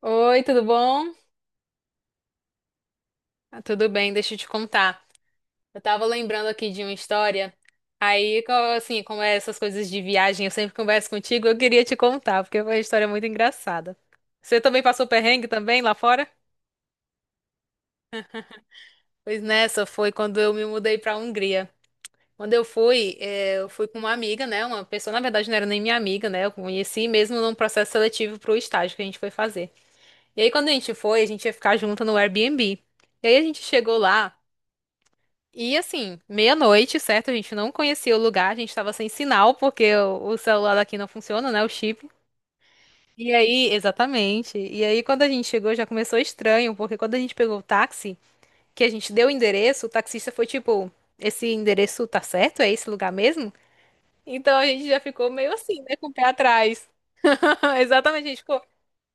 Oi, tudo bom? Ah, tudo bem, deixa eu te contar. Eu tava lembrando aqui de uma história. Aí, co- assim, como é essas coisas de viagem, eu sempre converso contigo, eu queria te contar, porque foi uma história muito engraçada. Você também passou perrengue também lá fora? Pois nessa foi quando eu me mudei pra Hungria. Quando eu fui, eu fui com uma amiga, né? Uma pessoa, na verdade, não era nem minha amiga, né? Eu conheci mesmo num processo seletivo pro estágio que a gente foi fazer. E aí, quando a gente foi, a gente ia ficar junto no Airbnb. E aí a gente chegou lá. E assim, meia-noite, certo? A gente não conhecia o lugar, a gente tava sem sinal, porque o celular daqui não funciona, né? O chip. E aí, exatamente. E aí, quando a gente chegou, já começou estranho, porque quando a gente pegou o táxi, que a gente deu o endereço, o taxista foi tipo: Esse endereço tá certo? É esse lugar mesmo? Então a gente já ficou meio assim, né? Com o pé atrás. Exatamente, a gente ficou.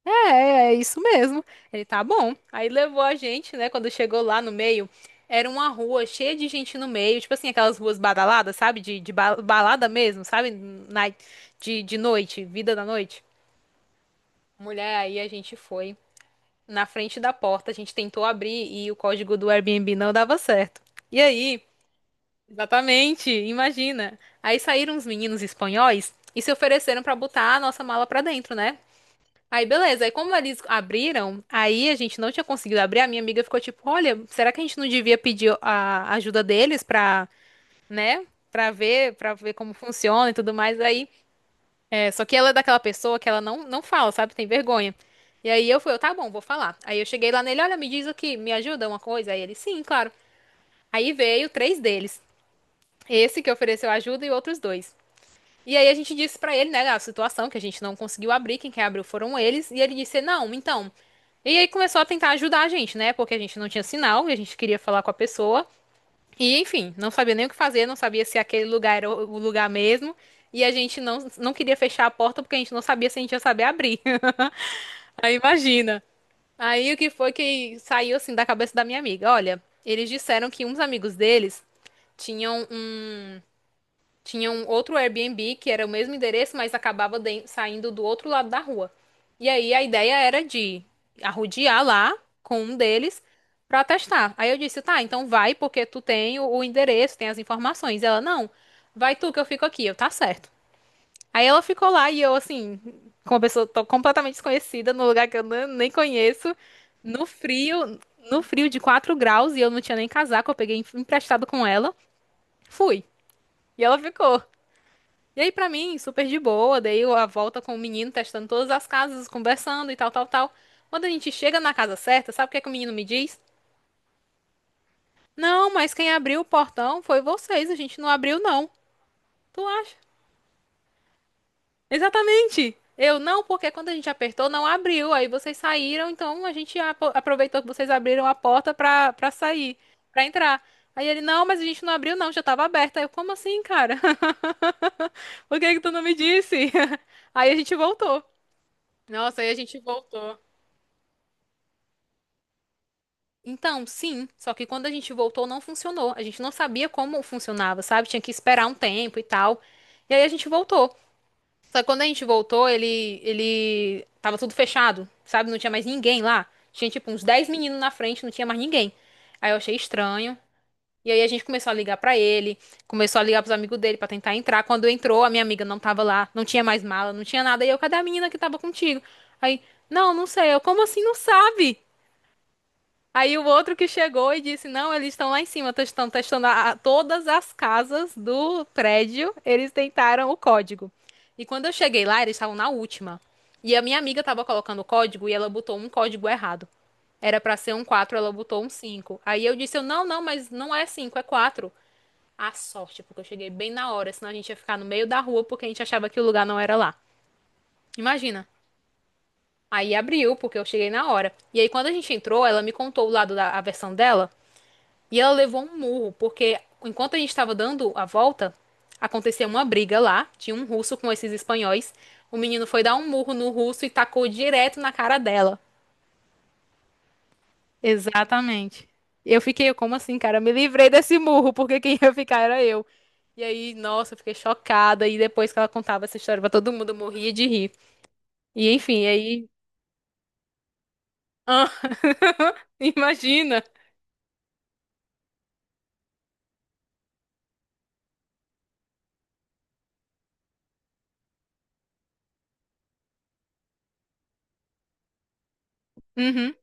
É, é isso mesmo. Ele tá bom. Aí levou a gente, né? Quando chegou lá no meio, era uma rua cheia de gente no meio, tipo assim, aquelas ruas badaladas, sabe? De balada mesmo, sabe? De noite, vida da noite. Mulher, aí a gente foi na frente da porta, a gente tentou abrir e o código do Airbnb não dava certo. E aí, exatamente, imagina. Aí saíram uns meninos espanhóis e se ofereceram pra botar a nossa mala pra dentro, né? Aí, beleza. Aí, como eles abriram, aí a gente não tinha conseguido abrir. A minha amiga ficou tipo: Olha, será que a gente não devia pedir a ajuda deles pra, né? Pra ver como funciona e tudo mais. Aí, é, só que ela é daquela pessoa que ela não fala, sabe? Tem vergonha. E aí eu fui: eu, Tá bom, vou falar. Aí eu cheguei lá nele: Olha, me diz aqui, me ajuda uma coisa? Aí ele: Sim, claro. Aí veio três deles: esse que ofereceu ajuda e outros dois. E aí a gente disse pra ele, né, a situação que a gente não conseguiu abrir, quem quer abriu foram eles, e ele disse: "Não, então, e aí começou a tentar ajudar a gente, né? Porque a gente não tinha sinal, a gente queria falar com a pessoa. E enfim, não sabia nem o que fazer, não sabia se aquele lugar era o lugar mesmo. E a gente não queria fechar a porta porque a gente não sabia se a gente ia saber abrir. Aí imagina. Aí o que foi que saiu assim da cabeça da minha amiga? Olha, eles disseram que uns amigos deles tinham um tinha um outro Airbnb que era o mesmo endereço, mas acabava saindo do outro lado da rua. E aí a ideia era de arrodear lá com um deles pra testar. Aí eu disse, tá, então vai porque tu tem o endereço, tem as informações. Ela, não, vai tu que eu fico aqui. Eu, tá certo. Aí ela ficou lá e eu, assim, com uma pessoa tô completamente desconhecida, num lugar que eu nem conheço, no frio, no frio de 4 graus e eu não tinha nem casaco, eu peguei emprestado com ela. Fui. E ela ficou. E aí, pra mim, super de boa, dei a volta com o menino, testando todas as casas, conversando e tal, tal, tal. Quando a gente chega na casa certa, sabe o que é que o menino me diz? Não, mas quem abriu o portão foi vocês, a gente não abriu, não. Tu acha? Exatamente! Eu não, porque quando a gente apertou, não abriu. Aí vocês saíram, então a gente aproveitou que vocês abriram a porta pra sair, pra entrar. Aí ele, não, mas a gente não abriu, não, já tava aberta. Eu, como assim, cara? Por que que tu não me disse? Aí a gente voltou. Nossa, aí a gente voltou. Então, sim, só que quando a gente voltou não funcionou. A gente não sabia como funcionava, sabe? Tinha que esperar um tempo e tal. E aí a gente voltou. Só que quando a gente voltou, ele tava tudo fechado, sabe? Não tinha mais ninguém lá. Tinha tipo uns 10 meninos na frente, não tinha mais ninguém. Aí eu achei estranho. E aí a gente começou a ligar pra ele, começou a ligar pros amigos dele pra tentar entrar. Quando entrou, a minha amiga não tava lá, não tinha mais mala, não tinha nada. E eu, cadê a menina que tava contigo? Aí, não, não sei. Eu, como assim não sabe? Aí o outro que chegou e disse: Não, eles estão lá em cima, estão testando todas as casas do prédio. Eles tentaram o código. E quando eu cheguei lá, eles estavam na última. E a minha amiga estava colocando o código e ela botou um código errado. Era pra ser um 4, ela botou um 5. Aí eu disse: eu, Não, não, mas não é 5 é 4. A sorte, porque eu cheguei bem na hora, senão a gente ia ficar no meio da rua porque a gente achava que o lugar não era lá. Imagina. Aí abriu, porque eu cheguei na hora. E aí, quando a gente entrou, ela me contou o lado da a versão dela. E ela levou um murro, porque enquanto a gente estava dando a volta, aconteceu uma briga lá, tinha um russo com esses espanhóis. O menino foi dar um murro no russo e tacou direto na cara dela. Exatamente. Eu fiquei, como assim, cara? Eu me livrei desse murro, porque quem ia ficar era eu. E aí, nossa, eu fiquei chocada. E depois que ela contava essa história pra todo mundo, eu morria de rir. E enfim, aí. Ah, imagina! Uhum.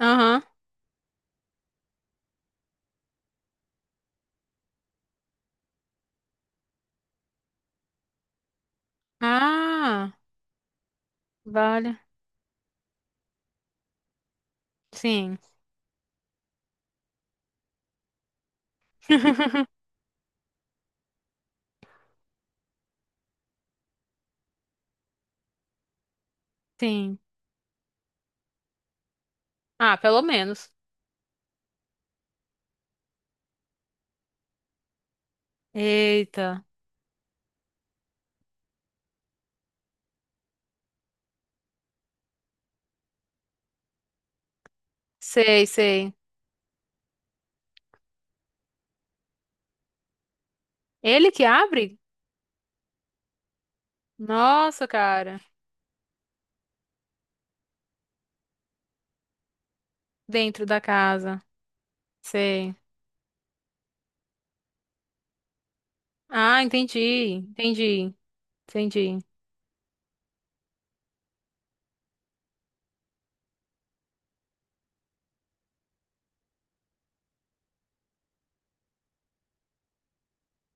Aham. Ah, vale. Sim. Sim. Ah, pelo menos. Eita, sei, sei. Ele que abre? Nossa, cara. Dentro da casa. Sei. Ah, entendi, entendi, entendi.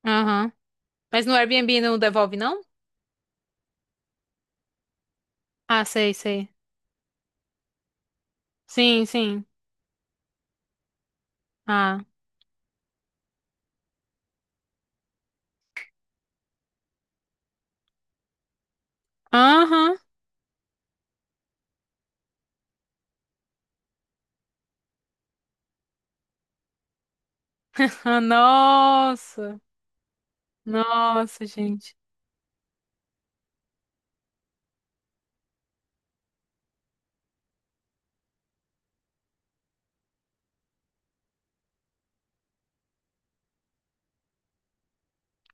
Aham. Mas no Airbnb não devolve, não? Ah, sei, sei. Sim, sim. Ah. Aham. Ah, nossa. Nossa, gente.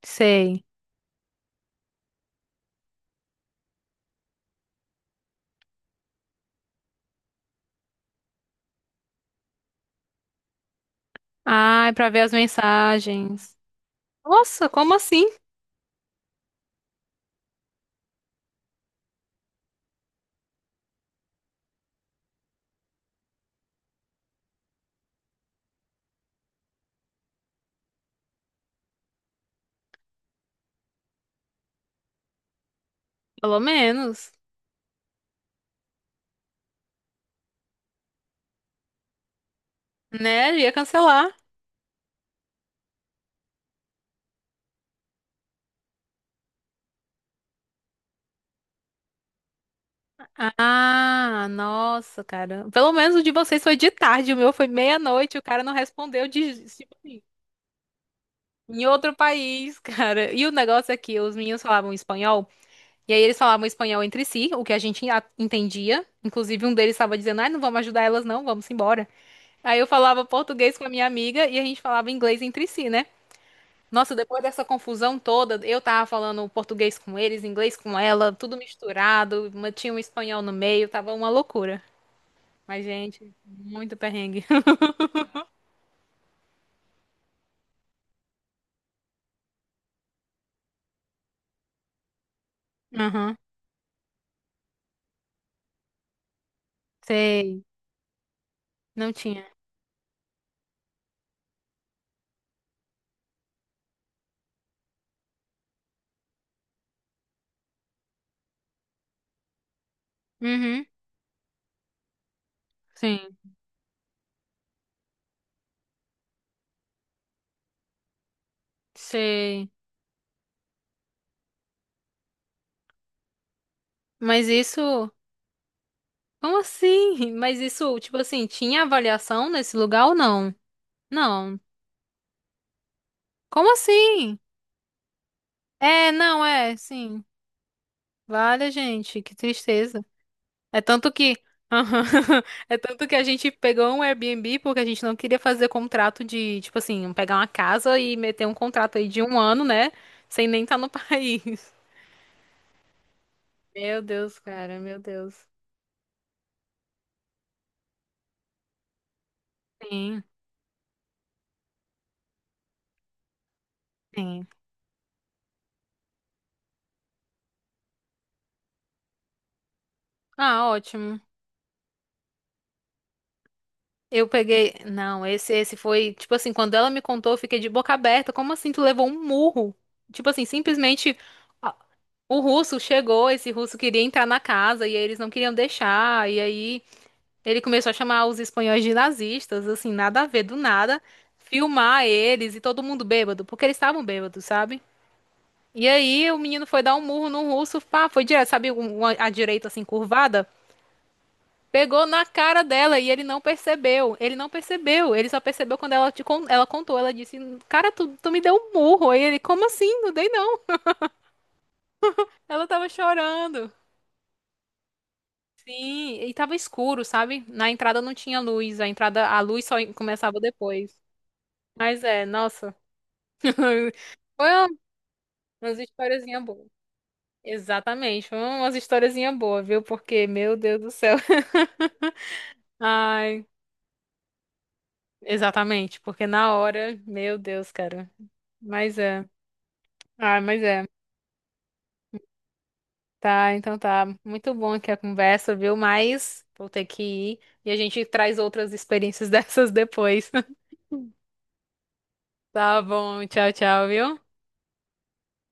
Sei. Ai, pra ver as mensagens. Nossa, como assim? Pelo menos, né? Ia cancelar. Ah, nossa, cara. Pelo menos o de vocês foi de tarde, o meu foi meia-noite, o cara não respondeu de, tipo assim, em outro país, cara. E o negócio é que os meninos falavam espanhol, e aí eles falavam espanhol entre si, o que a gente entendia. Inclusive, um deles estava dizendo, ai, não vamos ajudar elas, não, vamos embora. Aí eu falava português com a minha amiga e a gente falava inglês entre si, né? Nossa, depois dessa confusão toda, eu tava falando português com eles, inglês com ela, tudo misturado, mas tinha um espanhol no meio, tava uma loucura. Mas, gente, muito perrengue. Aham, sei. Não tinha. Uhum, sim, sei. Mas isso. Como assim? Mas isso, tipo assim, tinha avaliação nesse lugar ou não? Não. Como assim? É, não, é, sim. Vale, gente, que tristeza. É tanto que. Aham. É tanto que a gente pegou um Airbnb porque a gente não queria fazer contrato de, tipo assim, pegar uma casa e meter um contrato aí de um ano, né? Sem nem estar no país. Meu Deus, cara, meu Deus. Sim, sim. Ah, ótimo. Eu peguei. Não, esse foi. Tipo assim, quando ela me contou, eu fiquei de boca aberta. Como assim? Tu levou um murro? Tipo assim, simplesmente a- o russo chegou. Esse russo queria entrar na casa e aí eles não queriam deixar. E aí ele começou a chamar os espanhóis de nazistas. Assim, nada a ver, do nada. Filmar eles e todo mundo bêbado, porque eles estavam bêbados, sabe? E aí o menino foi dar um murro no russo. Pá, foi direto, sabe? A direita assim curvada. Pegou na cara dela e ele não percebeu. Ele não percebeu. Ele só percebeu quando ela, ela contou. Ela disse: Cara, tu me deu um murro. Aí ele: Como assim? Não dei não. Ela tava chorando. Sim, e tava escuro, sabe? Na entrada não tinha luz. A entrada, a luz só começava depois. Mas é, nossa. Foi umas historiazinhas boas. Exatamente, foi umas historiazinhas boas, viu? Porque, meu Deus do céu. Ai, exatamente, porque na hora, meu Deus, cara. Mas é. Ah, mas é. Tá, então tá. Muito bom aqui a conversa, viu? Mas vou ter que ir e a gente traz outras experiências dessas depois. Tá bom, tchau, tchau, viu?